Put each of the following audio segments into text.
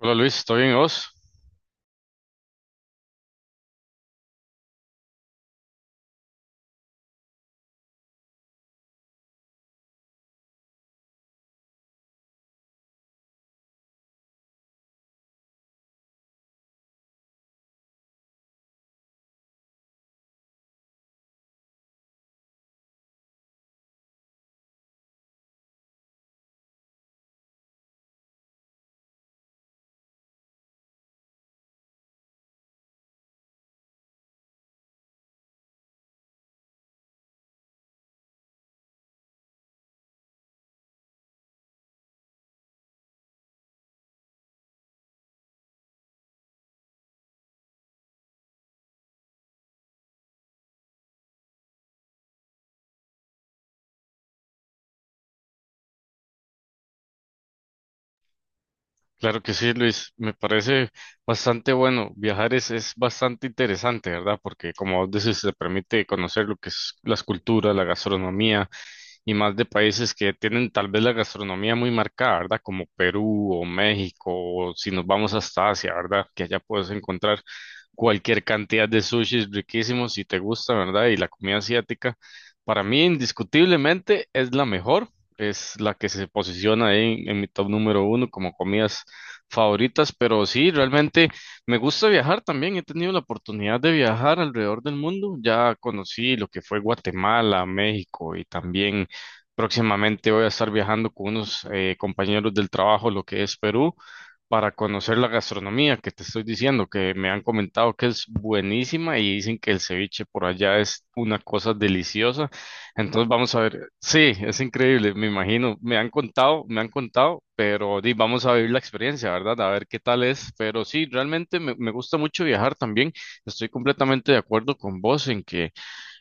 Hola Luis, ¿todo bien y vos? Claro que sí, Luis. Me parece bastante bueno. Viajar es bastante interesante, ¿verdad? Porque como vos decís, se permite conocer lo que es las culturas, la gastronomía y más de países que tienen tal vez la gastronomía muy marcada, ¿verdad? Como Perú o México, o si nos vamos hasta Asia, ¿verdad? Que allá puedes encontrar cualquier cantidad de sushis riquísimos si te gusta, ¿verdad? Y la comida asiática, para mí indiscutiblemente es la mejor. Es la que se posiciona ahí en mi top número uno como comidas favoritas, pero sí, realmente me gusta viajar también. He tenido la oportunidad de viajar alrededor del mundo. Ya conocí lo que fue Guatemala, México y también próximamente voy a estar viajando con unos compañeros del trabajo, lo que es Perú, para conocer la gastronomía que te estoy diciendo, que me han comentado que es buenísima y dicen que el ceviche por allá es una cosa deliciosa. Entonces vamos a ver. Sí, es increíble, me imagino. Me han contado, pero di, vamos a vivir la experiencia, ¿verdad? A ver qué tal es. Pero sí, realmente me gusta mucho viajar también. Estoy completamente de acuerdo con vos en que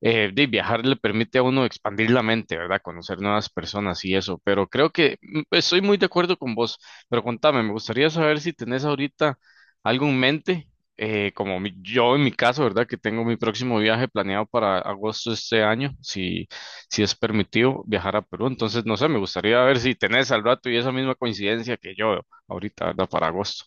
de viajar le permite a uno expandir la mente, ¿verdad? Conocer nuevas personas y eso, pero creo que pues, estoy muy de acuerdo con vos, pero contame, me gustaría saber si tenés ahorita algo en mente, como yo en mi caso, ¿verdad? Que tengo mi próximo viaje planeado para agosto de este año, si es permitido viajar a Perú, entonces no sé, me gustaría ver si tenés al rato y esa misma coincidencia que yo ahorita, ¿verdad? Para agosto.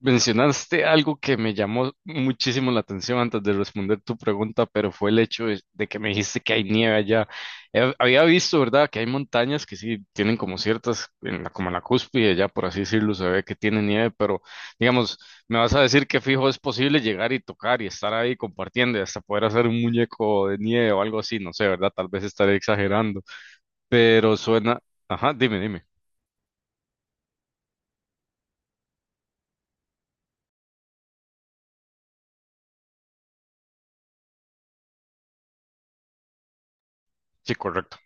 Mencionaste algo que me llamó muchísimo la atención antes de responder tu pregunta, pero fue el hecho de que me dijiste que hay nieve allá. He- había visto, ¿verdad?, que hay montañas que sí tienen como ciertas, como en la cúspide, ya por así decirlo, se ve que tiene nieve, pero digamos, me vas a decir que fijo es posible llegar y tocar y estar ahí compartiendo y hasta poder hacer un muñeco de nieve o algo así, no sé, ¿verdad? Tal vez estaré exagerando, pero suena. Ajá, dime, dime. Sí, correcto.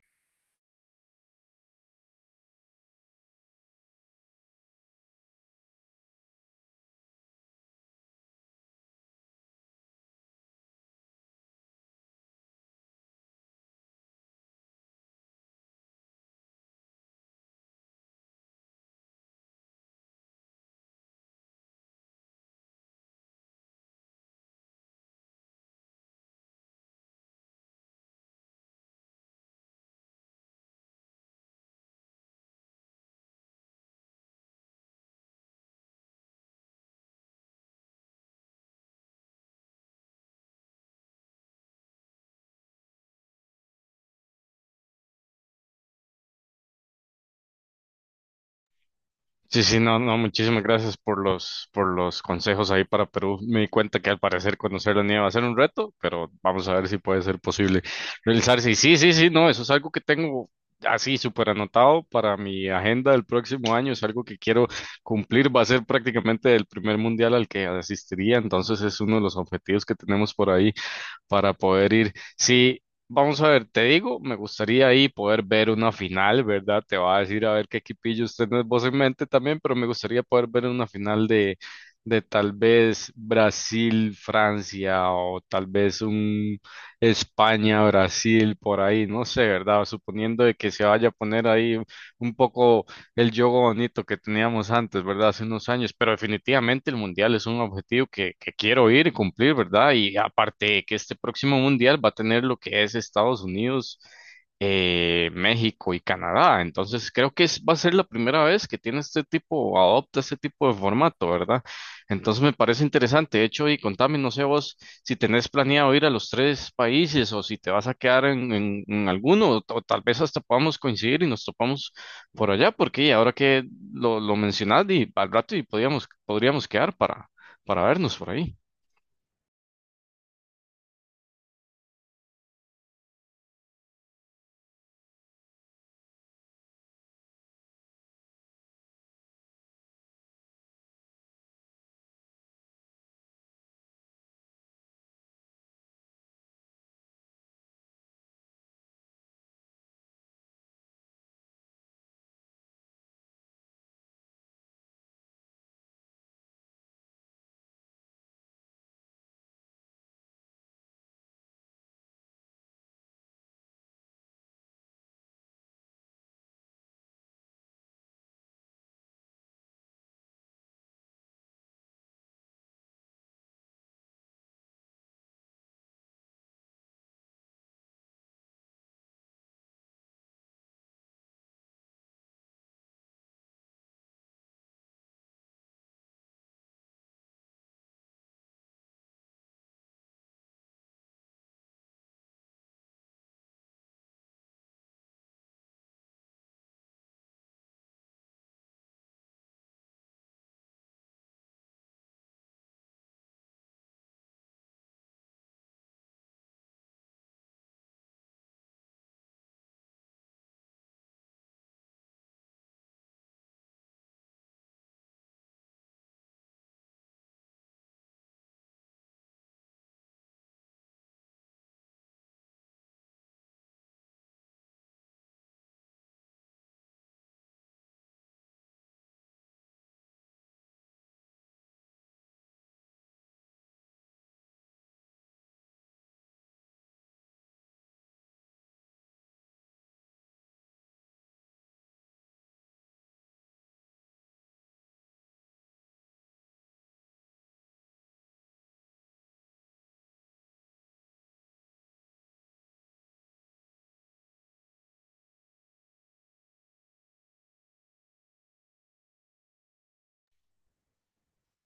Sí, sí, no, no, muchísimas gracias por los consejos ahí para Perú. Me di cuenta que al parecer conocer la nieve va a ser un reto, pero vamos a ver si puede ser posible realizarse. Y sí, sí, sí, no, eso es algo que tengo así súper anotado para mi agenda del próximo año. Es algo que quiero cumplir. Va a ser prácticamente el primer mundial al que asistiría, entonces es uno de los objetivos que tenemos por ahí para poder ir. Sí, vamos a ver, te digo, me gustaría ahí poder ver una final, ¿verdad? Te va a decir a ver qué equipillo usted vos en mente también, pero me gustaría poder ver una final de tal vez Brasil, Francia o tal vez un España, Brasil, por ahí, no sé, ¿verdad? Suponiendo de que se vaya a poner ahí un poco el juego bonito que teníamos antes, ¿verdad? Hace unos años, pero definitivamente el mundial es un objetivo que quiero ir y cumplir, ¿verdad? Y aparte que este próximo mundial va a tener lo que es Estados Unidos, México y Canadá, entonces creo que es- va a ser la primera vez que tiene este tipo, adopta este tipo de formato, ¿verdad? Entonces me parece interesante, de hecho, y contame, no sé vos si tenés planeado ir a los tres países o si te vas a quedar en, en alguno, o tal vez hasta podamos coincidir y nos topamos por allá, porque ahora que lo mencionas, di, al rato y podríamos quedar para vernos por ahí.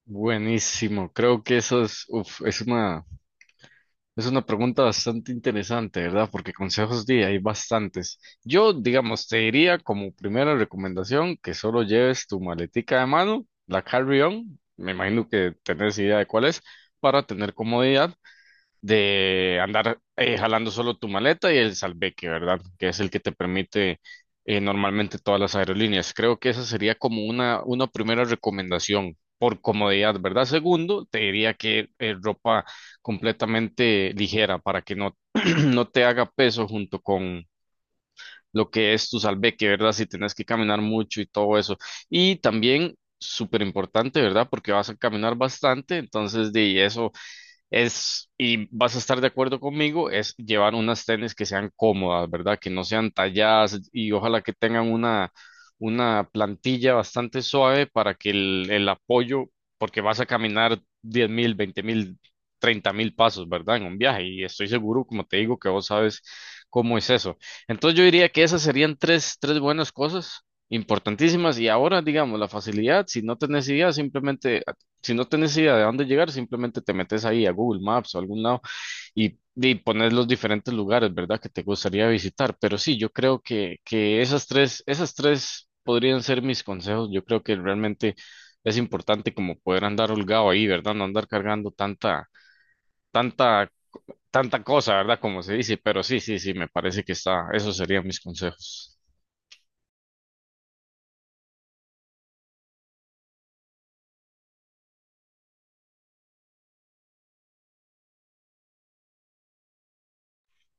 Buenísimo, creo que eso es, uf, es una pregunta bastante interesante, ¿verdad? Porque consejos di, hay bastantes. Yo, digamos, te diría como primera recomendación que solo lleves tu maletica de mano, la carry-on, me imagino que tenés idea de cuál es, para tener comodidad de andar jalando solo tu maleta y el salveque, ¿verdad? Que es el que te permite normalmente todas las aerolíneas. Creo que esa sería como una primera recomendación por comodidad, ¿verdad? Segundo, te diría que ropa completamente ligera para que no, no te haga peso junto con lo que es tu salveque, ¿verdad? Si tenés que caminar mucho y todo eso. Y también... Súper importante, ¿verdad? Porque vas a caminar bastante, entonces de y eso es, y vas a estar de acuerdo conmigo, es llevar unas tenis que sean cómodas, ¿verdad? Que no sean talladas y ojalá que tengan una plantilla bastante suave para que el apoyo, porque vas a caminar 10.000, 20.000, 30.000 pasos, ¿verdad? En un viaje y estoy seguro, como te digo, que vos sabes cómo es eso. Entonces yo diría que esas serían tres buenas cosas importantísimas. Y ahora digamos la facilidad si no tenés idea simplemente si no tenés idea de dónde llegar, simplemente te metes ahí a Google Maps o algún lado y pones los diferentes lugares, ¿verdad? Que te gustaría visitar. Pero sí, yo creo que esas tres podrían ser mis consejos. Yo creo que realmente es importante como poder andar holgado ahí, ¿verdad? No andar cargando tanta, tanta, tanta cosa, ¿verdad? Como se dice. Pero sí, sí, sí, me parece que está, esos serían mis consejos.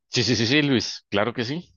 Sí, sí, sí, sí, Luis, claro que sí.